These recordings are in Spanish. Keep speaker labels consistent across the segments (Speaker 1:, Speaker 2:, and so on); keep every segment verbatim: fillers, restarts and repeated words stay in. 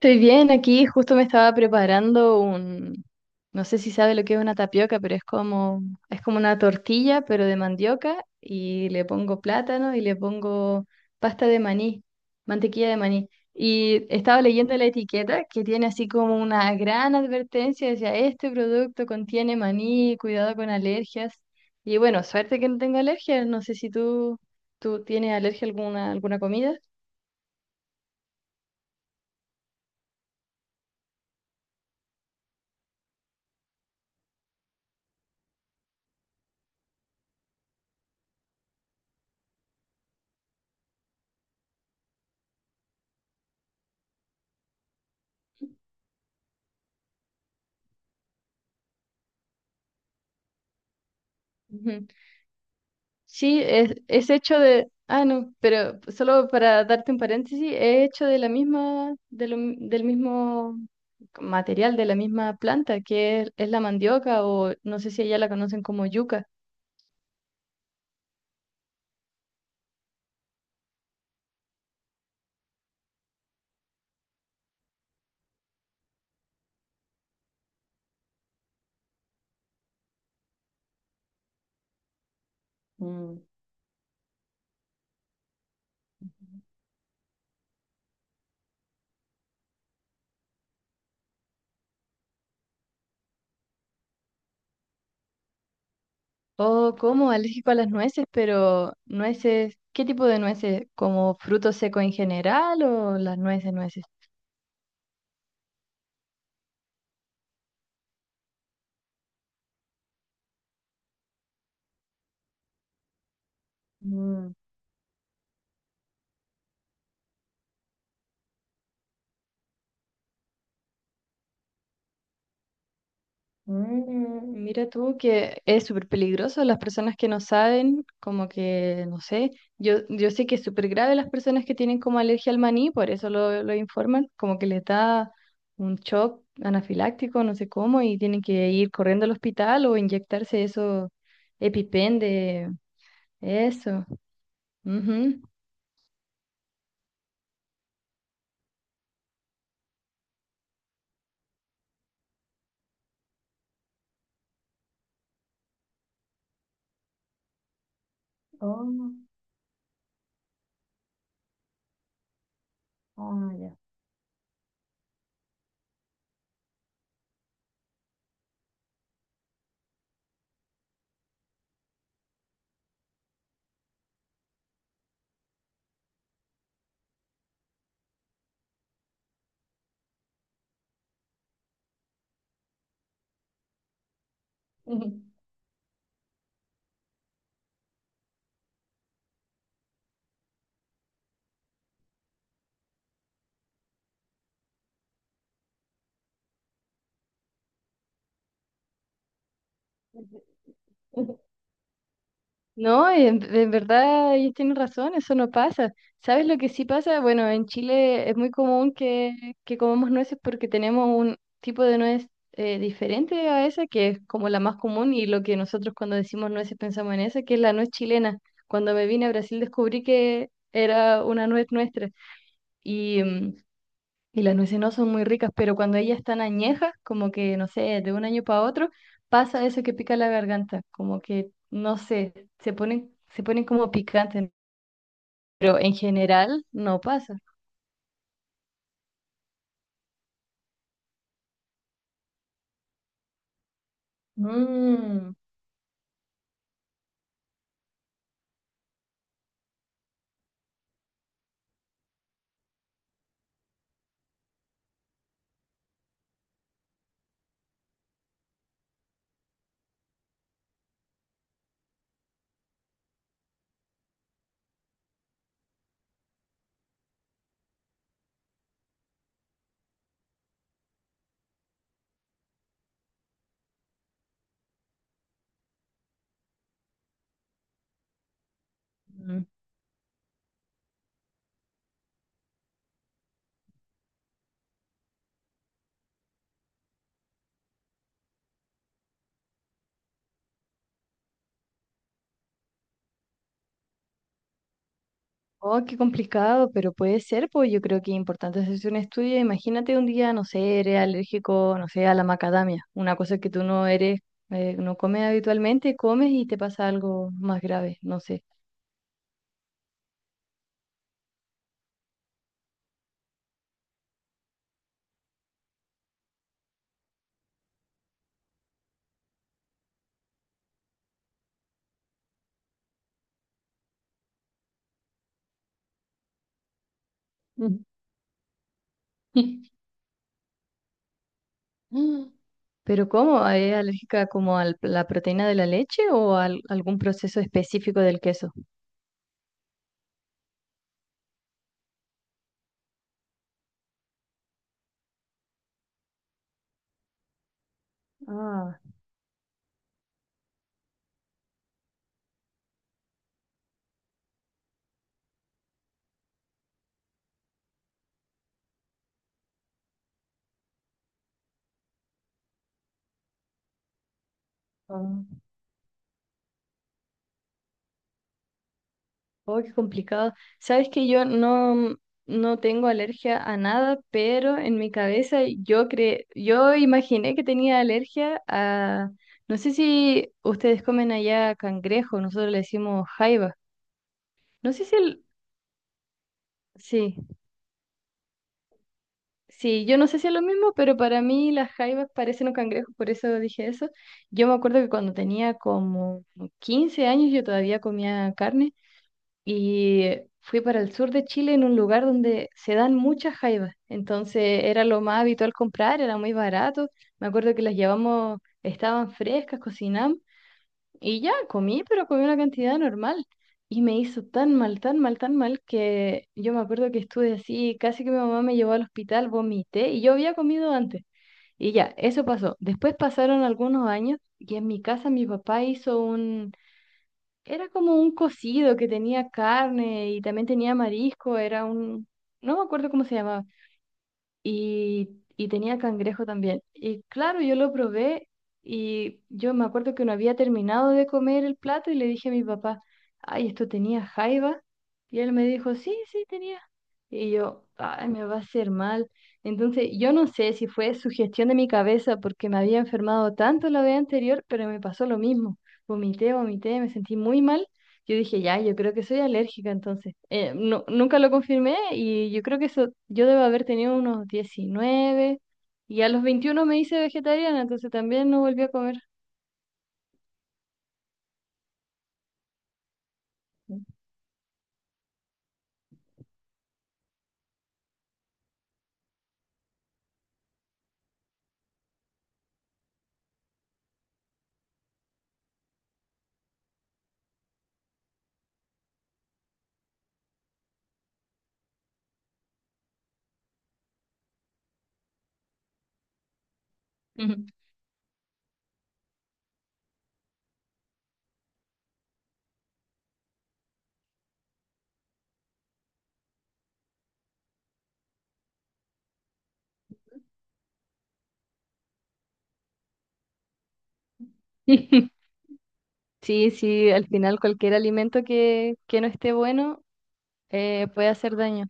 Speaker 1: Estoy bien aquí, justo me estaba preparando un, no sé si sabe lo que es una tapioca, pero es como, es como una tortilla, pero de mandioca, y le pongo plátano y le pongo pasta de maní, mantequilla de maní. Y estaba leyendo la etiqueta que tiene así como una gran advertencia, decía, este producto contiene maní, cuidado con alergias. Y bueno, suerte que no tengo alergias, no sé si tú, tú tienes alergia a alguna, alguna comida. Sí, es, es hecho de, ah, no, pero solo para darte un paréntesis, es hecho de la misma, de lo mi- del mismo material, de la misma planta, que es, es la mandioca o no sé si allá la conocen como yuca. Mm. Oh, como alérgico a las nueces, pero nueces, ¿qué tipo de nueces? ¿Como fruto seco en general o las nueces, nueces? Mm, mira tú que es súper peligroso las personas que no saben, como que, no sé, yo, yo sé que es súper grave las personas que tienen como alergia al maní, por eso lo, lo informan, como que les da un shock anafiláctico, no sé cómo, y tienen que ir corriendo al hospital o inyectarse eso, epi pen de eso. Ujú. Oh, ah, ya. No, en, en verdad ellos tienen razón, eso no pasa. ¿Sabes lo que sí pasa? Bueno, en Chile es muy común que, que comamos nueces porque tenemos un tipo de nuez eh, diferente a esa, que es como la más común y lo que nosotros cuando decimos nueces pensamos en esa, que es la nuez chilena. Cuando me vine a Brasil descubrí que era una nuez nuestra. Y mm, y las nueces no son muy ricas, pero cuando ellas están añejas, como que, no sé, de un año para otro, pasa eso que pica la garganta, como que, no sé, se ponen, se ponen como picantes, pero en general no pasa. Mm, mm. Oh, qué complicado, pero puede ser, pues yo creo que es importante hacerse un estudio. Imagínate un día, no sé, eres alérgico, no sé, a la macadamia, una cosa que tú no eres, eh, no comes habitualmente, comes y te pasa algo más grave, no sé. Mm. Mm. ¿Pero cómo? ¿Es alérgica como a la proteína de la leche o a al- algún proceso específico del queso? Ah, ah. Oh, qué complicado. Sabes que yo no, mm, no tengo alergia a nada, pero en mi cabeza yo cre yo imaginé que tenía alergia a, no sé si ustedes comen allá cangrejo, nosotros le decimos jaiba. No sé si el, sí, sí, yo no sé si es lo mismo, pero para mí las jaivas parecen un cangrejo, por eso dije eso. Yo me acuerdo que cuando tenía como quince años yo todavía comía carne y fui para el sur de Chile en un lugar donde se dan muchas jaivas. Entonces era lo más habitual comprar, era muy barato. Me acuerdo que las llevamos, estaban frescas, cocinamos y ya comí, pero comí una cantidad normal. Y me hizo tan mal, tan mal, tan mal que yo me acuerdo que estuve así, casi que mi mamá me llevó al hospital, vomité y yo había comido antes. Y ya, eso pasó. Después pasaron algunos años y en mi casa mi papá hizo un, era como un cocido que tenía carne y también tenía marisco, era un, no me acuerdo cómo se llamaba, y, y tenía cangrejo también. Y claro, yo lo probé y yo me acuerdo que no había terminado de comer el plato y le dije a mi papá, ay, esto tenía jaiba. Y él me dijo, sí, sí, tenía. Y yo, ay, me va a hacer mal. Entonces, yo no sé si fue sugestión de mi cabeza porque me había enfermado tanto la vez anterior, pero me pasó lo mismo. Vomité, vomité, me sentí muy mal, yo dije, ya, yo creo que soy alérgica entonces. Eh, no, nunca lo confirmé y yo creo que eso, yo debo haber tenido unos diecinueve y a los veintiuno me hice vegetariana, entonces también no volví a comer. Ujú. Sí, sí, al final cualquier alimento que, que no esté bueno eh, puede hacer daño.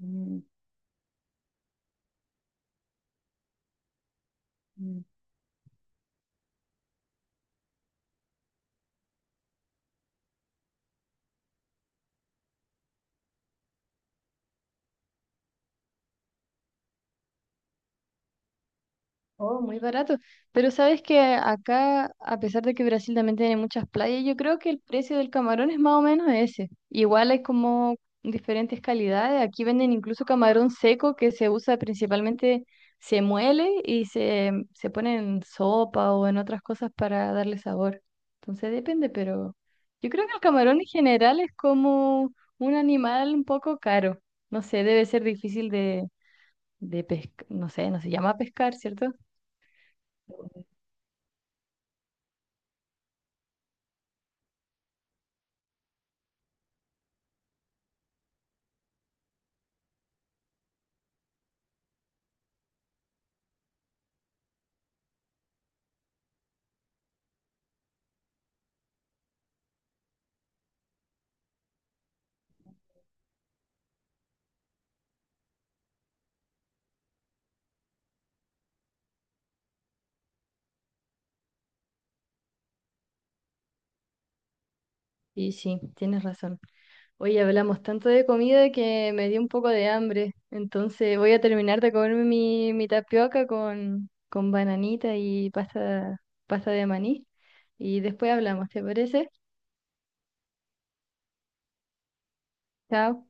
Speaker 1: Mm, mm. Oh, muy barato. Pero sabes que acá, a pesar de que Brasil también tiene muchas playas, yo creo que el precio del camarón es más o menos ese. Igual hay como diferentes calidades. Aquí venden incluso camarón seco que se usa principalmente, se muele y se, se pone en sopa o en otras cosas para darle sabor. Entonces depende, pero yo creo que el camarón en general es como un animal un poco caro. No sé, debe ser difícil de, de pescar, no sé, no se llama pescar, ¿cierto? Y sí, tienes razón. Hoy hablamos tanto de comida que me dio un poco de hambre. Entonces voy a terminar de comerme mi, mi tapioca con, con bananita y pasta, pasta de maní. Y después hablamos, ¿te parece? Chao.